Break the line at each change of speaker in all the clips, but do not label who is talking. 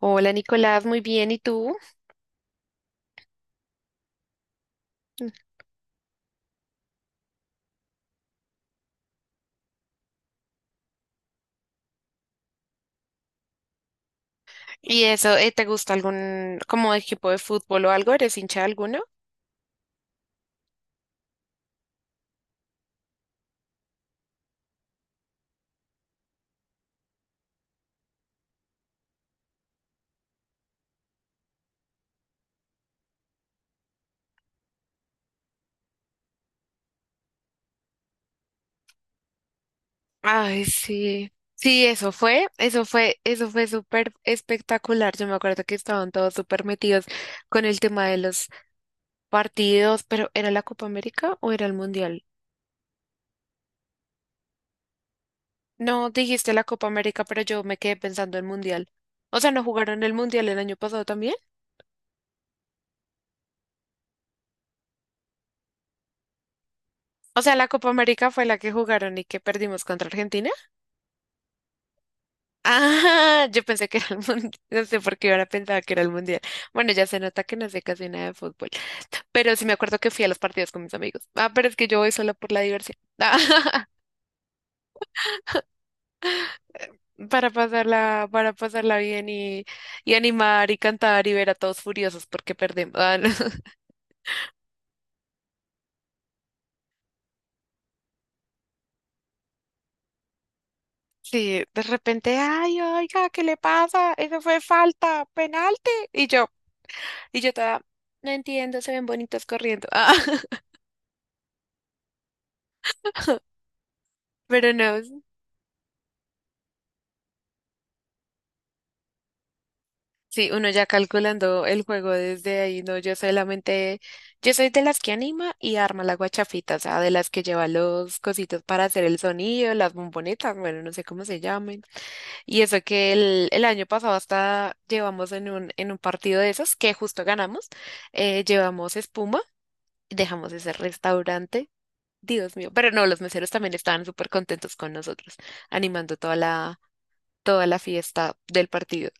Hola Nicolás, muy bien, ¿y tú? ¿Y eso, te gusta algún como equipo de fútbol o algo? ¿Eres hincha de alguno? Ay, sí. Sí, eso fue súper espectacular. Yo me acuerdo que estaban todos súper metidos con el tema de los partidos, pero ¿era la Copa América o era el Mundial? No, dijiste la Copa América, pero yo me quedé pensando en Mundial. O sea, ¿no jugaron el Mundial el año pasado también? O sea, la Copa América fue la que jugaron y que perdimos contra Argentina. Ah, yo pensé que era el mundial, no sé por qué ahora pensaba que era el mundial. Bueno, ya se nota que no sé casi nada de fútbol, pero sí me acuerdo que fui a los partidos con mis amigos. Ah, pero es que yo voy solo por la diversión, para pasarla bien y animar y cantar y ver a todos furiosos porque perdemos. Ah, no. Sí, de repente, ay, oiga, ¿qué le pasa? Eso fue falta, penalti. Y yo toda, no entiendo, se ven bonitos corriendo. Ah, pero no. Sí, uno ya calculando el juego desde ahí, no, yo solamente, yo soy de las que anima y arma la guachafita, o sea, de las que lleva los cositos para hacer el sonido, las bombonetas, bueno, no sé cómo se llamen. Y eso que el año pasado hasta llevamos en un partido de esos que justo ganamos, llevamos espuma y dejamos ese restaurante, Dios mío, pero no, los meseros también estaban súper contentos con nosotros, animando toda la fiesta del partido.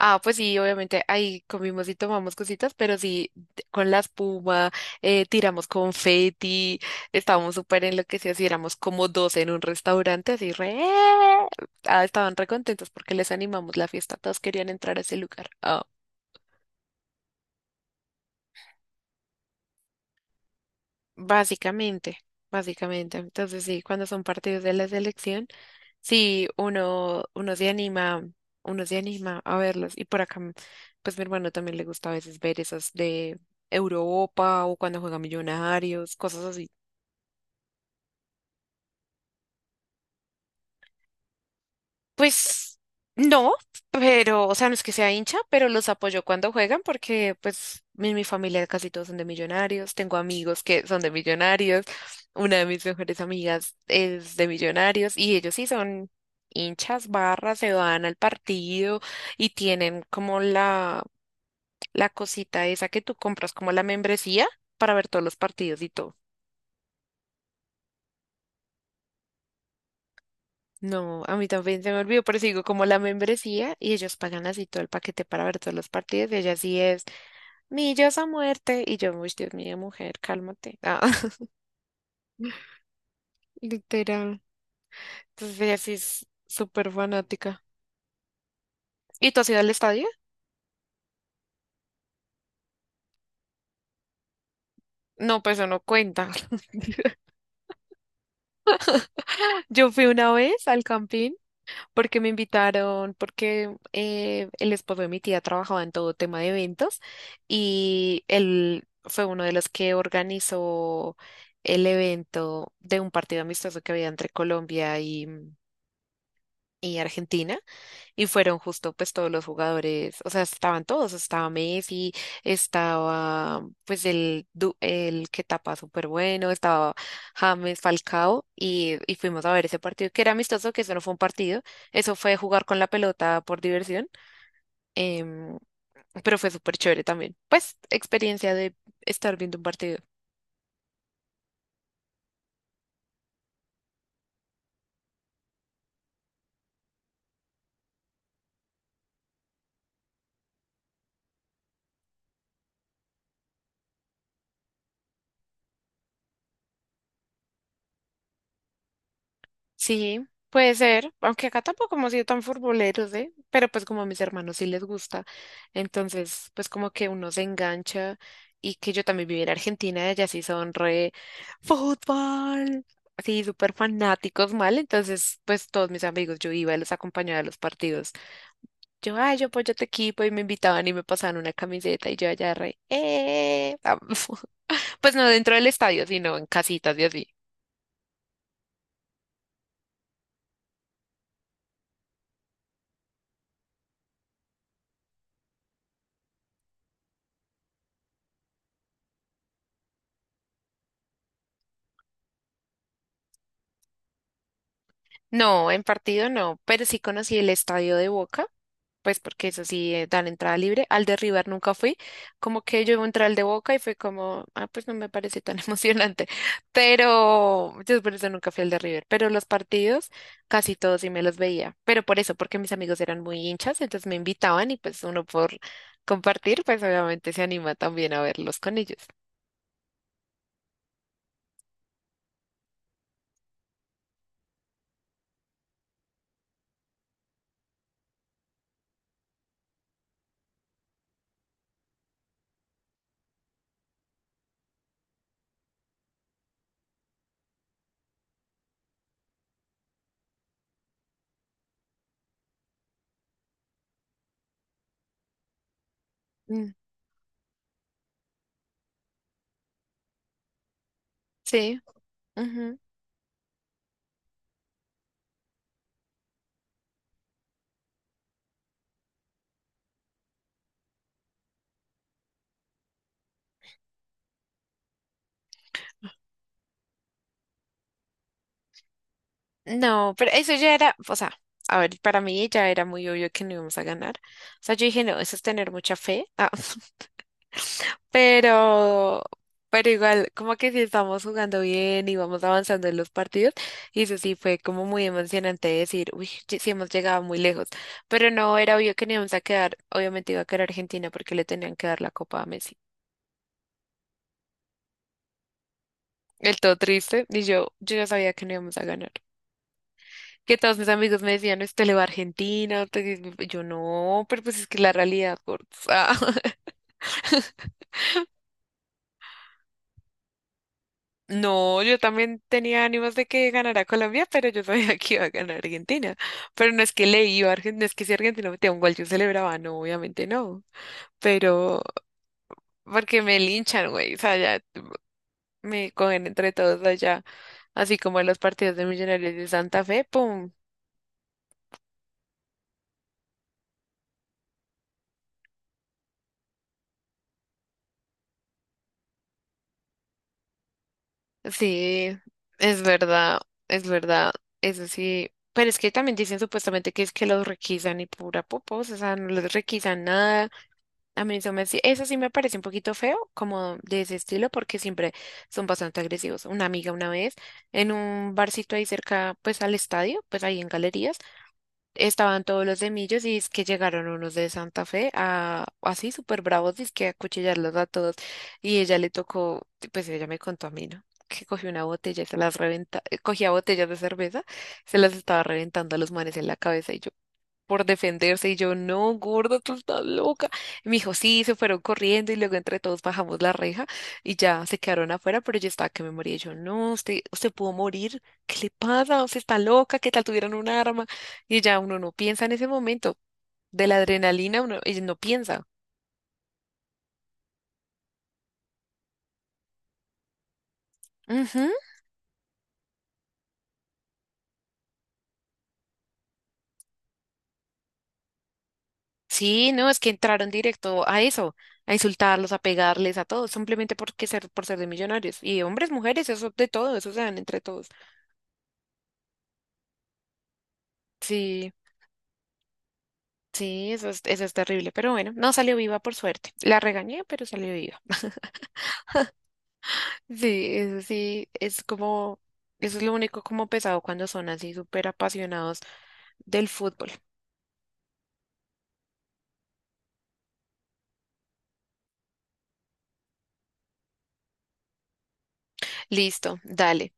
Ah, pues sí, obviamente ahí comimos y tomamos cositas, pero sí, con la espuma, tiramos confeti, estábamos súper enloquecidos y éramos como 12 en un restaurante, así re... Ah, estaban re contentos porque les animamos la fiesta, todos querían entrar a ese lugar. Ah, básicamente, básicamente. Entonces sí, cuando son partidos de la selección. Sí, uno se anima a verlos. Y por acá, pues mi hermano también le gusta a veces ver esas de Europa o cuando juega Millonarios, cosas así. Pues no, pero, o sea, no es que sea hincha, pero los apoyo cuando juegan porque pues mi familia casi todos son de Millonarios, tengo amigos que son de Millonarios, una de mis mejores amigas es de Millonarios y ellos sí son hinchas, barras, se van al partido y tienen como la cosita esa que tú compras, como la membresía, para ver todos los partidos y todo. No, a mí también se me olvidó, pero sigo como la membresía y ellos pagan así todo el paquete para ver todos los partidos y ella sí es millas a muerte y yo, uy, Dios mío, mujer, cálmate. Ah, literal. Entonces ella sí es súper fanática. ¿Y tú has ido al estadio? No, pues eso no cuenta. Yo fui una vez al Campín porque me invitaron, porque el esposo de mi tía trabajaba en todo tema de eventos y él fue uno de los que organizó el evento de un partido amistoso que había entre Colombia y Argentina. Y fueron justo pues todos los jugadores, o sea, estaban todos, estaba Messi, estaba pues el que tapa súper bueno, estaba James Falcao y fuimos a ver ese partido que era amistoso, que eso no fue un partido, eso fue jugar con la pelota por diversión, em, pero fue súper chévere también. Pues experiencia de estar viendo un partido. Sí, puede ser, aunque acá tampoco hemos sido tan futboleros, ¿eh? Pero pues como a mis hermanos sí les gusta, entonces pues como que uno se engancha y que yo también viví en Argentina, ellas sí son re fútbol, así súper fanáticos mal, entonces pues todos mis amigos, yo iba y los acompañaba a los partidos. Yo, ay, yo apoyo a tu equipo y me invitaban y me pasaban una camiseta y yo allá re, pues no dentro del estadio, sino en casitas y así. No, en partido no, pero sí conocí el estadio de Boca, pues porque eso sí dan entrada libre. Al de River nunca fui, como que yo entré al de Boca y fue como, ah, pues no me parece tan emocionante, pero yo por eso nunca fui al de River, pero los partidos casi todos sí me los veía, pero por eso, porque mis amigos eran muy hinchas, entonces me invitaban y pues uno por compartir, pues obviamente se anima también a verlos con ellos. Mm, sí. No, pero eso ya era, o sea, a ver, para mí ya era muy obvio que no íbamos a ganar. O sea, yo dije, no, eso es tener mucha fe. Ah, pero, pero igual, como que sí estamos jugando bien y vamos avanzando en los partidos. Y eso sí fue como muy emocionante decir, uy, sí hemos llegado muy lejos. Pero no era obvio que no íbamos a quedar, obviamente iba a quedar Argentina porque le tenían que dar la copa a Messi. El todo triste, y yo ya sabía que no íbamos a ganar. Que todos mis amigos me decían, usted le va a Argentina, usted que-". Yo no, pero pues es que la realidad, gordos". Ah, No, yo también tenía ánimos de que ganara Colombia, pero yo sabía que iba a ganar Argentina. Pero no es que le iba a Argentina, no es que si Argentina metía un gol yo celebraba, no, obviamente no. Pero porque me linchan, güey, o sea, ya me cogen entre todos allá, así como en los partidos de Millonarios de Santa Fe, pum. Sí, es verdad, es verdad, eso sí. Pero es que también dicen supuestamente que es que los requisan y pura popos, o sea, no les requisan nada. A mí eso me, eso sí me parece un poquito feo, como de ese estilo, porque siempre son bastante agresivos. Una amiga una vez, en un barcito ahí cerca, pues al estadio, pues ahí en galerías. Estaban todos los de Millos y es que llegaron unos de Santa Fe a así súper bravos, es que a acuchillarlos a todos. Y ella le tocó, pues ella me contó a mí, ¿no? Que cogió una botella y se las reventa, cogía botellas de cerveza, se las estaba reventando a los manes en la cabeza. Y yo, por defenderse y yo, no, gorda, tú estás loca. Y me dijo, sí, se fueron corriendo y luego entre todos bajamos la reja y ya se quedaron afuera, pero yo estaba que me moría. Y yo, no, usted pudo morir, ¿qué le pasa? Usted está loca, ¿qué tal tuvieran un arma? Y ya uno no piensa en ese momento, de la adrenalina uno y no piensa. Ujú. Sí, no, es que entraron directo a eso, a insultarlos, a pegarles, a todos, simplemente porque ser, por ser de millonarios. Y hombres, mujeres, eso de todo, eso se dan entre todos. Sí. Sí, eso es terrible, pero bueno, no salió viva por suerte. La regañé, pero salió viva. Sí, eso sí, es como, eso es lo único como pesado cuando son así súper apasionados del fútbol. Listo, dale.